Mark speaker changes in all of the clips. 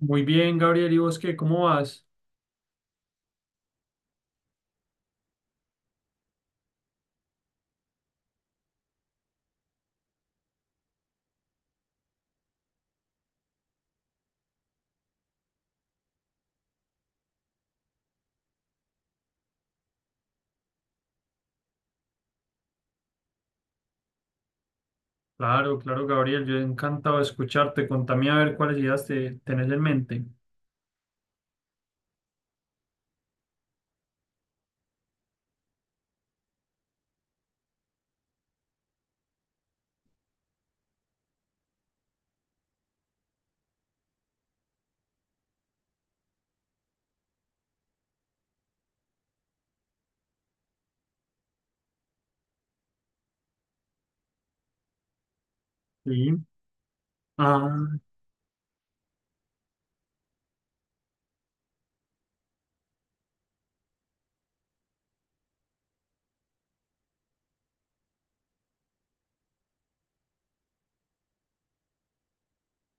Speaker 1: Muy bien, Gabriel, ¿y vos qué? ¿Cómo vas? Claro, claro, Gabriel, yo encantado de escucharte. Contame a ver cuáles ideas tenés en mente. Sí. Ah,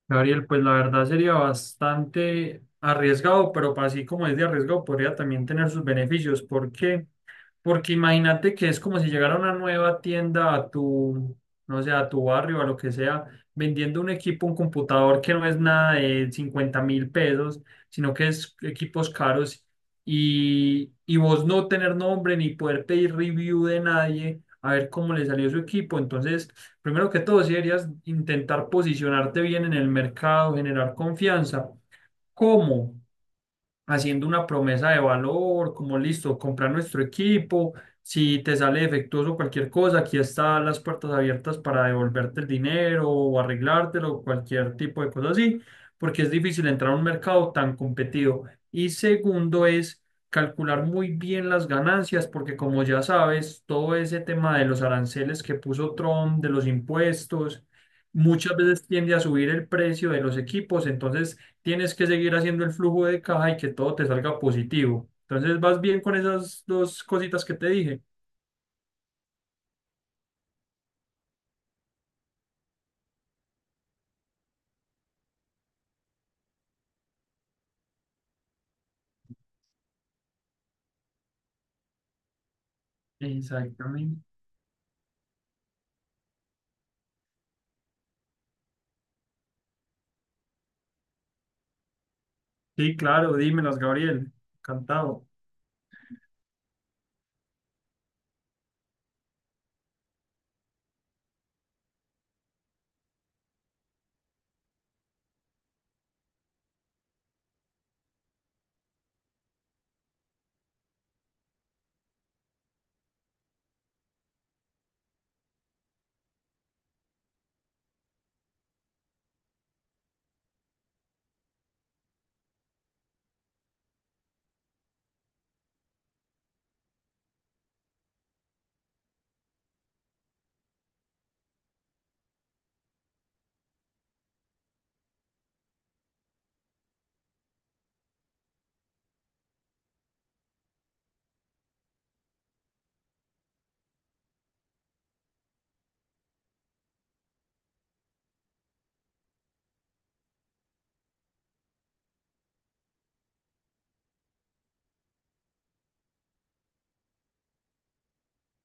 Speaker 1: Gabriel, pues la verdad sería bastante arriesgado, pero así como es de arriesgado, podría también tener sus beneficios. ¿Por qué? Porque imagínate que es como si llegara una nueva tienda a tu, no sé, a tu barrio, a lo que sea, vendiendo un equipo, un computador que no es nada de 50.000 pesos, sino que es equipos caros y vos no tener nombre ni poder pedir review de nadie, a ver cómo le salió su equipo. Entonces, primero que todo, si deberías intentar posicionarte bien en el mercado, generar confianza. ¿Cómo? Haciendo una promesa de valor, como listo, comprar nuestro equipo, si te sale defectuoso cualquier cosa, aquí están las puertas abiertas para devolverte el dinero o arreglártelo, cualquier tipo de cosa así, porque es difícil entrar a un mercado tan competido. Y segundo es calcular muy bien las ganancias, porque como ya sabes, todo ese tema de los aranceles que puso Trump, de los impuestos, muchas veces tiende a subir el precio de los equipos, entonces tienes que seguir haciendo el flujo de caja y que todo te salga positivo. Entonces, ¿vas bien con esas dos cositas que te dije? Exactamente. Sí, claro, dímelas, Gabriel. Encantado.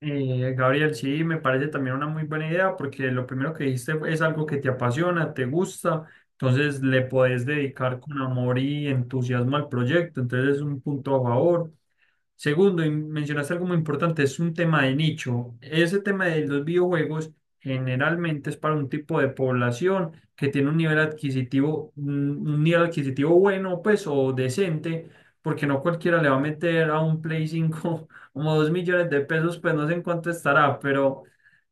Speaker 1: Gabriel, sí, me parece también una muy buena idea porque lo primero que dijiste fue- es algo que te apasiona, te gusta, entonces le podés dedicar con amor y entusiasmo al proyecto, entonces es un punto a favor. Segundo, y mencionaste algo muy importante, es un tema de nicho. Ese tema de los videojuegos generalmente es para un tipo de población que tiene un nivel adquisitivo, un nivel adquisitivo bueno, pues, o decente, porque no cualquiera le va a meter a un Play 5 como 2.000.000 de pesos, pues no sé en cuánto estará,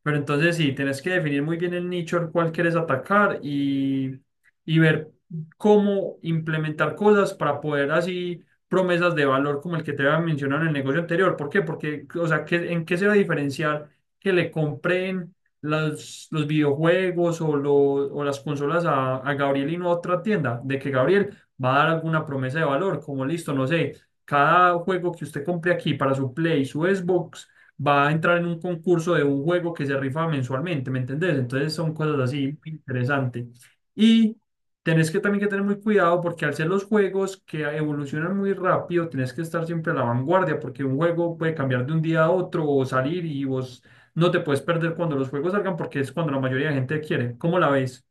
Speaker 1: pero entonces sí, tienes que definir muy bien el nicho al cual quieres atacar y ver cómo implementar cosas para poder así promesas de valor como el que te había mencionado en el negocio anterior. ¿Por qué? Porque, o sea, ¿qué- ¿en qué se va a diferenciar que le compren las- los videojuegos o, lo- o las consolas a Gabriel y no a otra tienda? De que Gabriel va a dar alguna promesa de valor, como listo, no sé, cada juego que usted compre aquí para su Play, su Xbox, va a entrar en un concurso de un juego que se rifa mensualmente, ¿me entendés? Entonces son cosas así muy interesantes. Y tenés que también que tener muy cuidado porque al ser los juegos que evolucionan muy rápido, tenés que estar siempre a la vanguardia porque un juego puede cambiar de un día a otro o salir y vos no te puedes perder cuando los juegos salgan porque es cuando la mayoría de gente quiere. ¿Cómo la ves?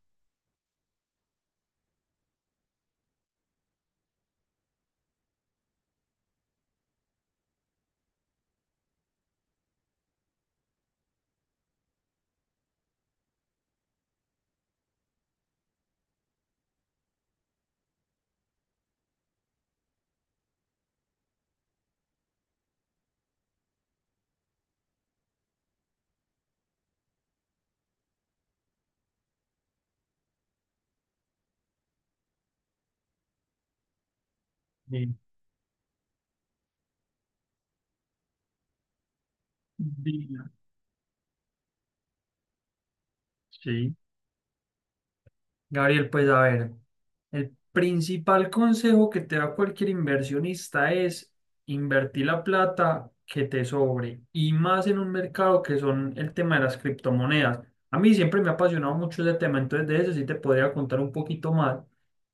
Speaker 1: Sí. Dina. Sí. Gabriel, pues a ver, el principal consejo que te da cualquier inversionista es invertir la plata que te sobre y más en un mercado que son el tema de las criptomonedas. A mí siempre me ha apasionado mucho ese tema, entonces de eso sí te podría contar un poquito más.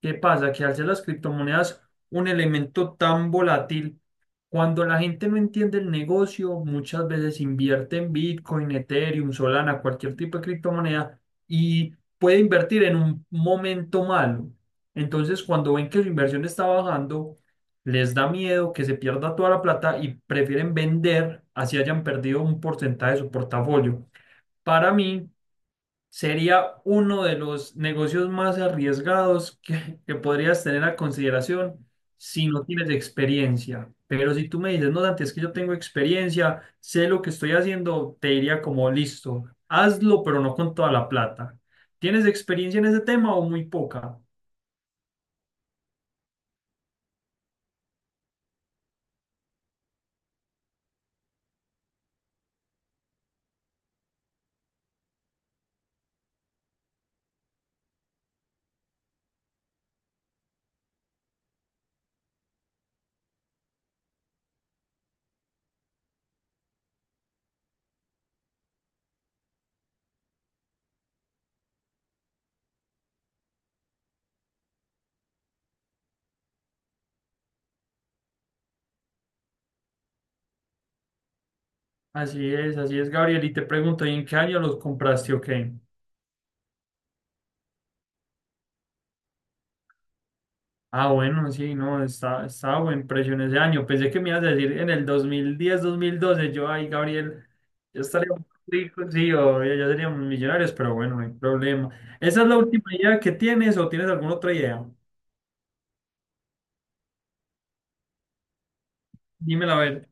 Speaker 1: ¿Qué pasa? Que al ser las criptomonedas un elemento tan volátil, cuando la gente no entiende el negocio, muchas veces invierte en Bitcoin, Ethereum, Solana, cualquier tipo de criptomoneda. Y puede invertir en un momento malo. Entonces, cuando ven que su inversión está bajando, les da miedo que se pierda toda la plata y prefieren vender, así hayan perdido un porcentaje de su portafolio. Para mí, sería uno de los negocios más arriesgados que podrías tener a consideración si no tienes experiencia. Pero si tú me dices, no, Dante, es que yo tengo experiencia, sé lo que estoy haciendo, te diría como, listo, hazlo, pero no con toda la plata. ¿Tienes experiencia en ese tema o muy poca? Así es, Gabriel. Y te pregunto, ¿y en qué año los compraste o qué? Ah, bueno, sí, no, está, estaba buen precio en ese año. Pensé que me ibas a decir en el 2010, 2012, yo, ay, Gabriel, yo estaría muy rico, sí, o ya seríamos millonarios, pero bueno, no hay problema. ¿Esa es la última idea que tienes o tienes alguna otra idea? Dímela a ver.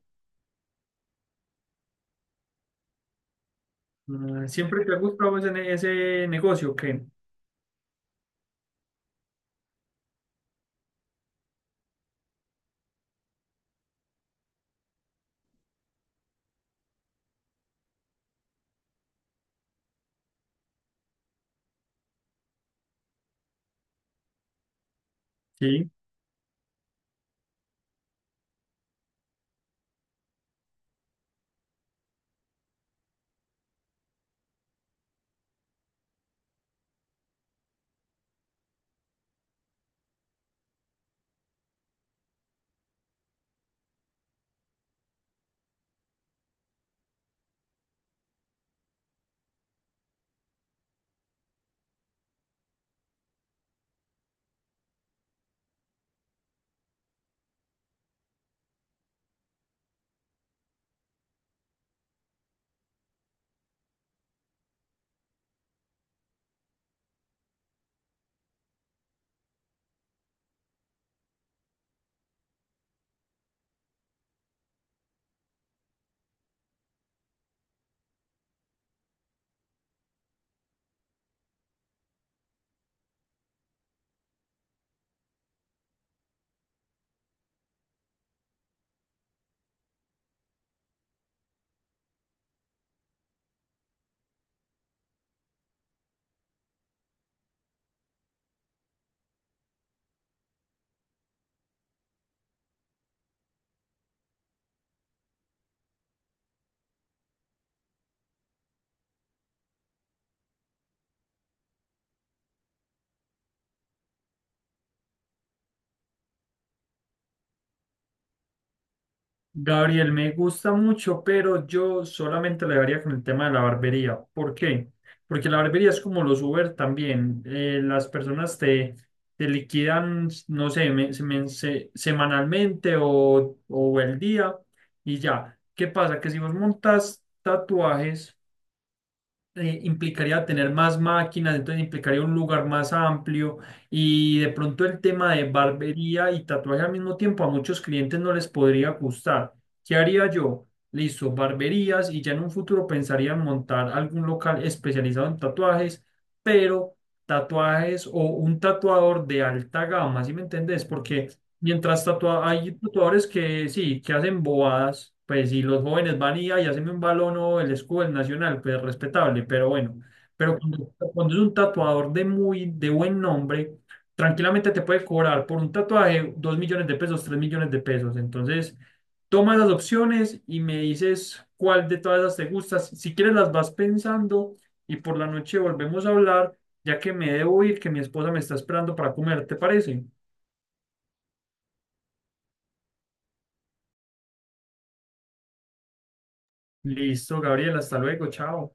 Speaker 1: Mm, ¿siempre te ha gustado ese, ne- ese negocio? ¿O qué? Sí. Gabriel, me gusta mucho, pero yo solamente le daría con el tema de la barbería. ¿Por qué? Porque la barbería es como los Uber también. Las personas te, te liquidan, no sé, semanalmente o el día y ya. ¿Qué pasa? Que si vos montas tatuajes implicaría tener más máquinas, entonces implicaría un lugar más amplio y de pronto el tema de barbería y tatuaje al mismo tiempo a muchos clientes no les podría gustar. ¿Qué haría yo? Listo, barberías y ya en un futuro pensaría en montar algún local especializado en tatuajes, pero tatuajes o un tatuador de alta gama, ¿sí me entendés? Porque mientras hay tatuadores que sí, que hacen bobadas, pues si los jóvenes van y, ay, hacen un balón o el escudo del Nacional, pues respetable, pero bueno. Pero cuando, cuando es un tatuador de muy, de buen nombre, tranquilamente te puede cobrar por un tatuaje 2.000.000 de pesos, 3.000.000 de pesos. Entonces, toma las opciones y me dices cuál de todas esas te gusta. Si si quieres las vas pensando y por la noche volvemos a hablar, ya que me debo ir, que mi esposa me está esperando para comer, ¿te parece? Listo, Gabriel, hasta luego, chao.